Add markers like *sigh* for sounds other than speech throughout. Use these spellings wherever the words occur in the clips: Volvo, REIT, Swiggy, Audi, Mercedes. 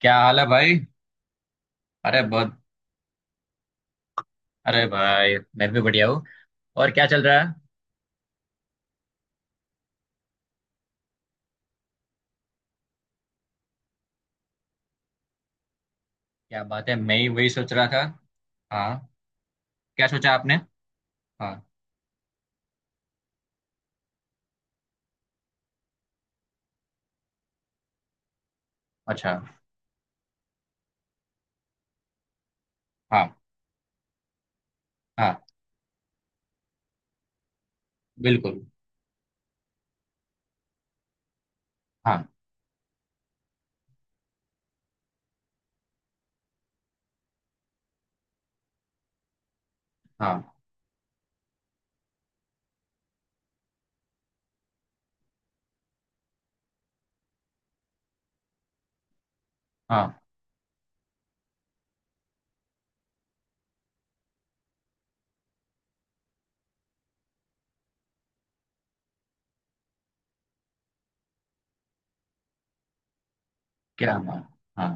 क्या हाल है भाई। अरे बहुत। अरे भाई मैं भी बढ़िया हूँ। और क्या चल रहा है? क्या बात है, मैं ही वही सोच रहा था। हाँ। क्या सोचा आपने? हाँ। अच्छा। हाँ। हाँ। बिल्कुल। हाँ। हाँ। हाँ। क्या बात। हाँ।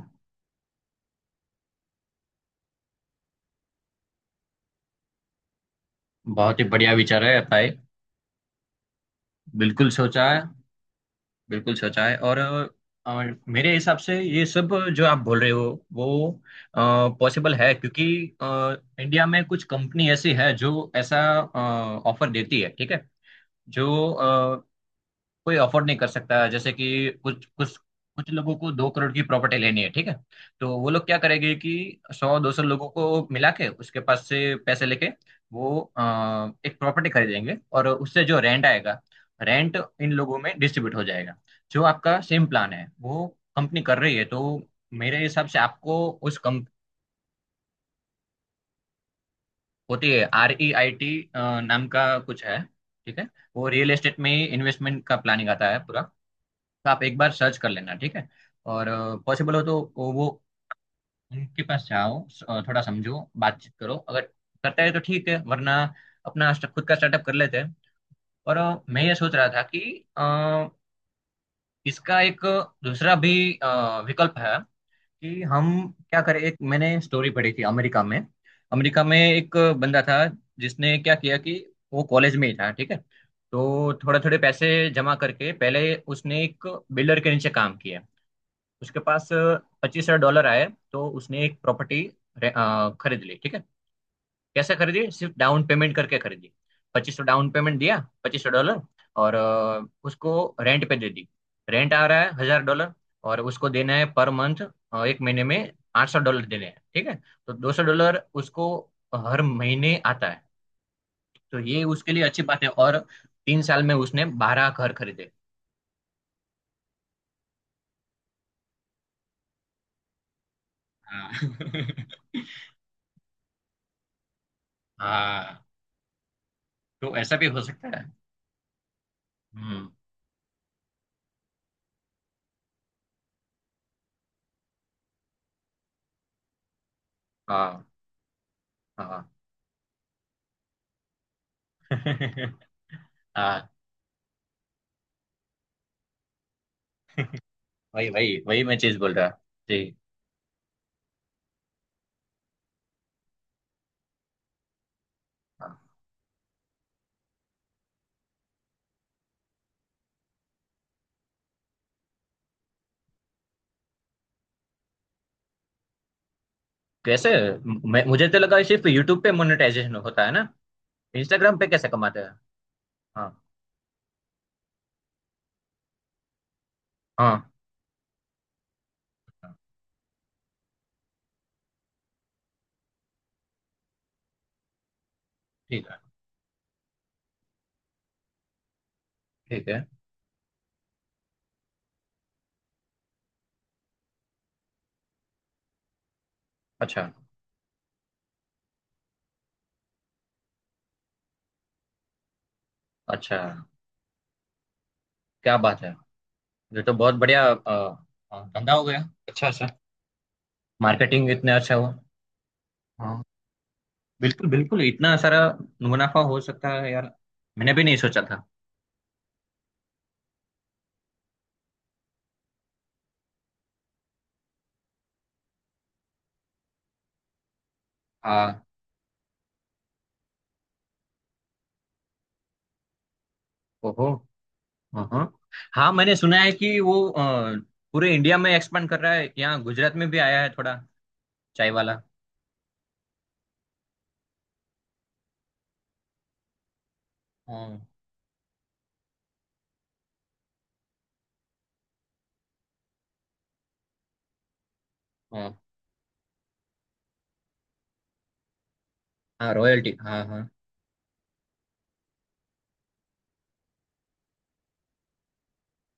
बहुत ही बढ़िया विचार है भाई। बिल्कुल सोचा है। बिल्कुल सोचा है। और मेरे हिसाब से ये सब जो आप बोल रहे हो वो पॉसिबल है, क्योंकि अ, इंडिया में कुछ कंपनी ऐसी है जो ऐसा ऑफर देती है, ठीक है। जो अ, कोई अफोर्ड नहीं कर सकता। जैसे कि कुछ कुछ कुछ लोगों को 2 करोड़ की प्रॉपर्टी लेनी है, ठीक है। तो वो लोग क्या करेंगे कि सौ दो सौ लोगों को मिला के उसके पास से पैसे लेके वो एक प्रॉपर्टी खरीदेंगे, और उससे जो रेंट आएगा रेंट इन लोगों में डिस्ट्रीब्यूट हो जाएगा। जो आपका सेम प्लान है वो कंपनी कर रही है। तो मेरे हिसाब से आपको उस कम होती है। REIT नाम का कुछ है, ठीक है। वो रियल एस्टेट में इन्वेस्टमेंट का प्लानिंग आता है पूरा। तो आप एक बार सर्च कर लेना, ठीक है। और पॉसिबल हो तो वो उनके पास जाओ, थोड़ा समझो, बातचीत करो। अगर करता है तो ठीक है, वरना खुद का स्टार्टअप कर लेते हैं। और मैं ये सोच रहा था कि अ, इसका एक दूसरा भी विकल्प है, कि हम क्या करें। एक मैंने स्टोरी पढ़ी थी अमेरिका में। अमेरिका में एक बंदा था जिसने क्या किया कि वो कॉलेज में ही था, ठीक है। तो थोड़े थोड़े पैसे जमा करके पहले उसने एक बिल्डर के नीचे काम किया। उसके पास 25,000 डॉलर आए। तो उसने एक प्रॉपर्टी खरीद ली, ठीक है। कैसे खरीदी? सिर्फ डाउन पेमेंट करके खरीदी। 2,500 डाउन पेमेंट दिया, 2,500 डॉलर। और उसको रेंट पे दे दी। रेंट आ रहा है 1,000 डॉलर, और उसको देना है पर मंथ एक महीने में 800 डॉलर देने हैं, ठीक है। तो 200 डॉलर उसको हर महीने आता है। तो ये उसके लिए अच्छी बात है। और 3 साल में उसने 12 घर खरीदे। हाँ *laughs* हाँ। तो ऐसा भी हो सकता है। हम्म। हाँ। हाँ *laughs* हाँ। वही वही वही मैं चीज बोल रहा। जी। हाँ। कैसे? मैं, मुझे तो लगा सिर्फ यूट्यूब पे मोनेटाइजेशन होता है ना। इंस्टाग्राम पे कैसे कमाते हैं? हाँ। हाँ। हाँ। ठीक है। ठीक है। अच्छा। अच्छा। क्या बात है। ये तो बहुत बढ़िया धंधा हो गया। अच्छा सर। मार्केटिंग इतने अच्छा हुआ। हाँ। बिल्कुल बिल्कुल इतना सारा मुनाफा हो सकता है यार। मैंने भी नहीं सोचा था। हाँ। ओहो। हाँ हाँ। हाँ, मैंने सुना है कि वो पूरे इंडिया में एक्सपांड कर रहा है, यहाँ गुजरात में भी आया है थोड़ा। चाय वाला। हाँ। हाँ। हाँ रॉयल्टी। हाँ हाँ।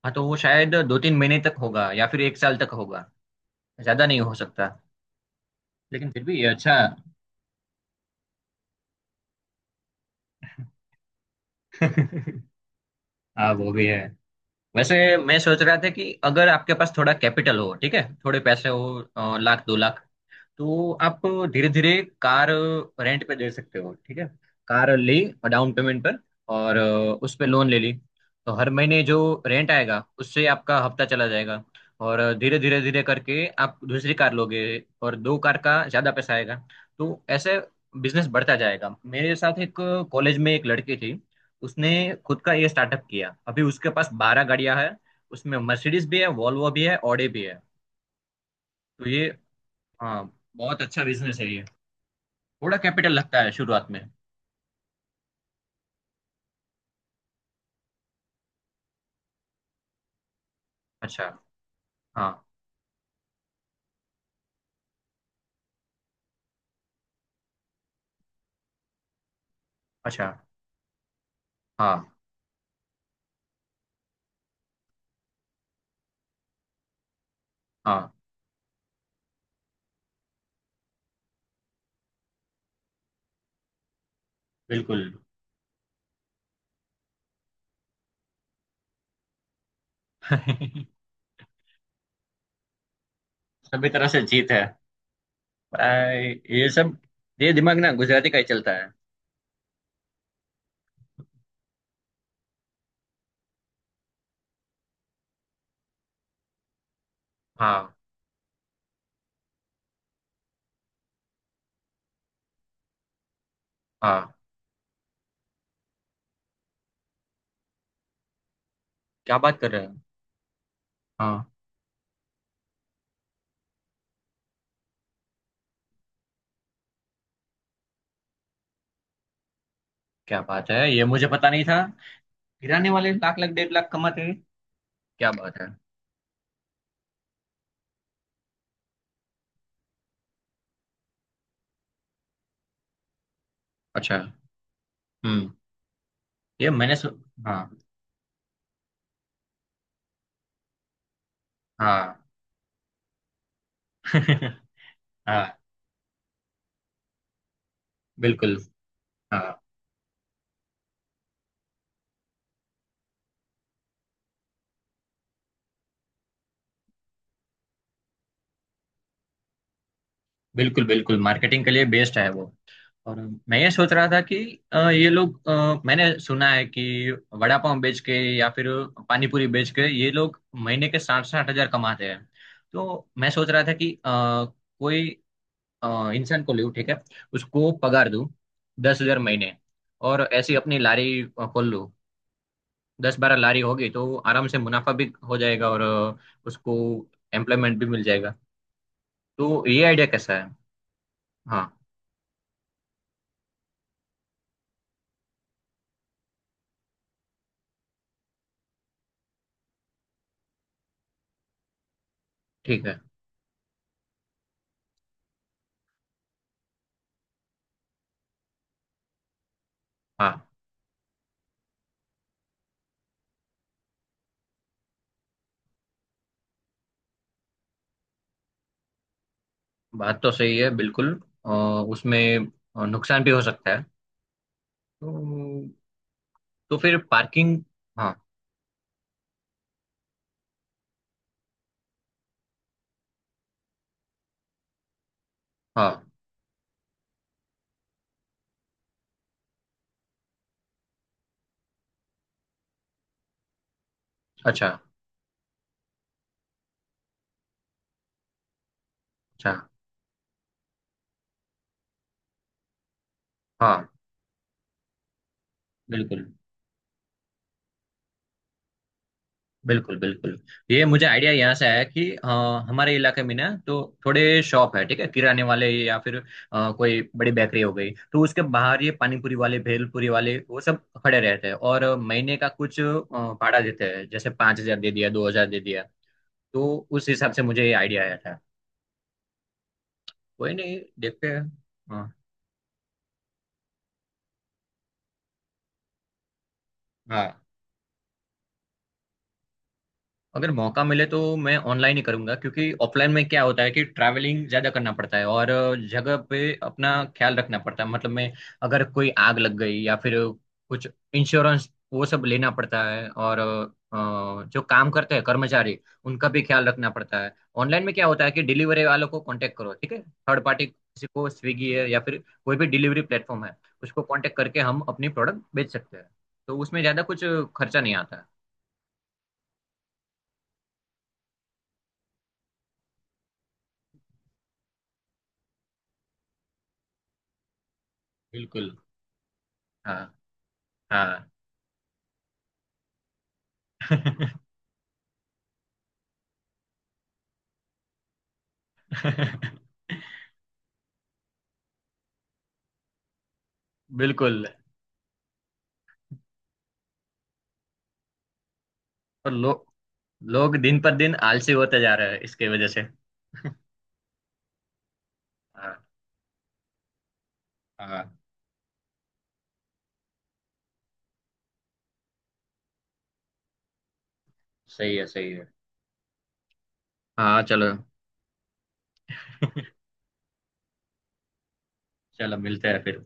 हाँ तो वो शायद दो तीन महीने तक होगा या फिर एक साल तक होगा। ज्यादा नहीं हो सकता, लेकिन फिर भी ये अच्छा। *laughs* हाँ वो भी है। वैसे, मैं सोच रहा था कि अगर आपके पास थोड़ा कैपिटल हो, ठीक है, थोड़े पैसे हो लाख दो लाख, तो आप धीरे धीरे कार रेंट पे दे सकते हो, ठीक है। कार ली और डाउन पेमेंट पर, और उस पे लोन ले ली। तो हर महीने जो रेंट आएगा उससे आपका हफ्ता चला जाएगा। और धीरे धीरे धीरे करके आप दूसरी कार लोगे, और दो कार का ज्यादा पैसा आएगा। तो ऐसे बिजनेस बढ़ता जाएगा। मेरे साथ एक कॉलेज में एक लड़की थी, उसने खुद का ये स्टार्टअप किया। अभी उसके पास 12 गाड़ियां हैं, उसमें मर्सिडीज भी है वॉल्वो भी है ऑडी भी है। तो ये हाँ बहुत अच्छा बिजनेस है ये। थोड़ा कैपिटल लगता है शुरुआत में। अच्छा। हाँ। अच्छा। हाँ। हाँ। बिल्कुल। *laughs* सभी तरह से जीत है भाई। ये सब ये दिमाग ना गुजराती का ही चलता है। हाँ। हाँ। क्या बात कर रहे हैं। हाँ। क्या बात है, ये मुझे पता नहीं था। गिराने वाले लाख लाख 1.5 लाख कमाते हैं। क्या बात है। अच्छा। हम्म। ये मैंने सु... हाँ। हाँ। *laughs* हाँ। बिल्कुल। हाँ। बिल्कुल बिल्कुल मार्केटिंग के लिए बेस्ट है वो। और मैं ये सोच रहा था कि ये लोग मैंने सुना है कि वड़ा पाव बेच के या फिर पानी पूरी बेच के ये लोग महीने के 60-60 हजार कमाते हैं। तो मैं सोच रहा था कि कोई इंसान को लूँ, ठीक है। उसको पगार दूँ 10,000 महीने, और ऐसी अपनी लारी खोल लूँ। 10-12 लारी होगी तो आराम से मुनाफा भी हो जाएगा, और उसको एम्प्लॉयमेंट भी मिल जाएगा। तो ये आइडिया कैसा है? हाँ। ठीक है। हाँ। बात तो सही है बिल्कुल। अ, उसमें नुकसान भी हो सकता है। तो, तो फिर पार्किंग। हाँ। हाँ। अच्छा। अच्छा। हाँ। बिल्कुल बिल्कुल बिल्कुल। ये मुझे आइडिया यहाँ से आया कि हमारे इलाके में ना तो थोड़े शॉप है, ठीक है, किराने वाले या फिर कोई बड़ी बेकरी हो गई, तो उसके बाहर ये पानीपुरी वाले भेलपुरी वाले वो सब खड़े रहते हैं और महीने का कुछ भाड़ा देते हैं। जैसे 5,000 दे दिया, 2,000 दे दिया। तो उस हिसाब से मुझे ये आइडिया आया था। कोई नहीं, देखते हैं। हाँ। हाँ। अगर मौका मिले तो मैं ऑनलाइन ही करूंगा, क्योंकि ऑफलाइन में क्या होता है कि ट्रैवलिंग ज्यादा करना पड़ता है, और जगह पे अपना ख्याल रखना पड़ता है। मतलब मैं, अगर कोई आग लग गई या फिर कुछ इंश्योरेंस वो सब लेना पड़ता है, और जो काम करते हैं कर्मचारी उनका भी ख्याल रखना पड़ता है। ऑनलाइन में क्या होता है कि डिलीवरी वालों को कांटेक्ट करो, ठीक है, थर्ड पार्टी किसी को। स्विगी है या फिर कोई भी डिलीवरी प्लेटफॉर्म है, उसको कांटेक्ट करके हम अपनी प्रोडक्ट बेच सकते हैं। तो उसमें ज्यादा कुछ खर्चा नहीं आता है। बिल्कुल। हाँ। हाँ। *laughs* बिल्कुल। और लोग दिन पर दिन आलसी होते जा रहे हैं इसके वजह से। हाँ। हाँ। सही है सही है। हाँ चलो। *laughs* चलो, मिलते हैं फिर।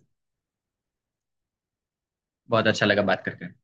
बहुत अच्छा लगा बात करके।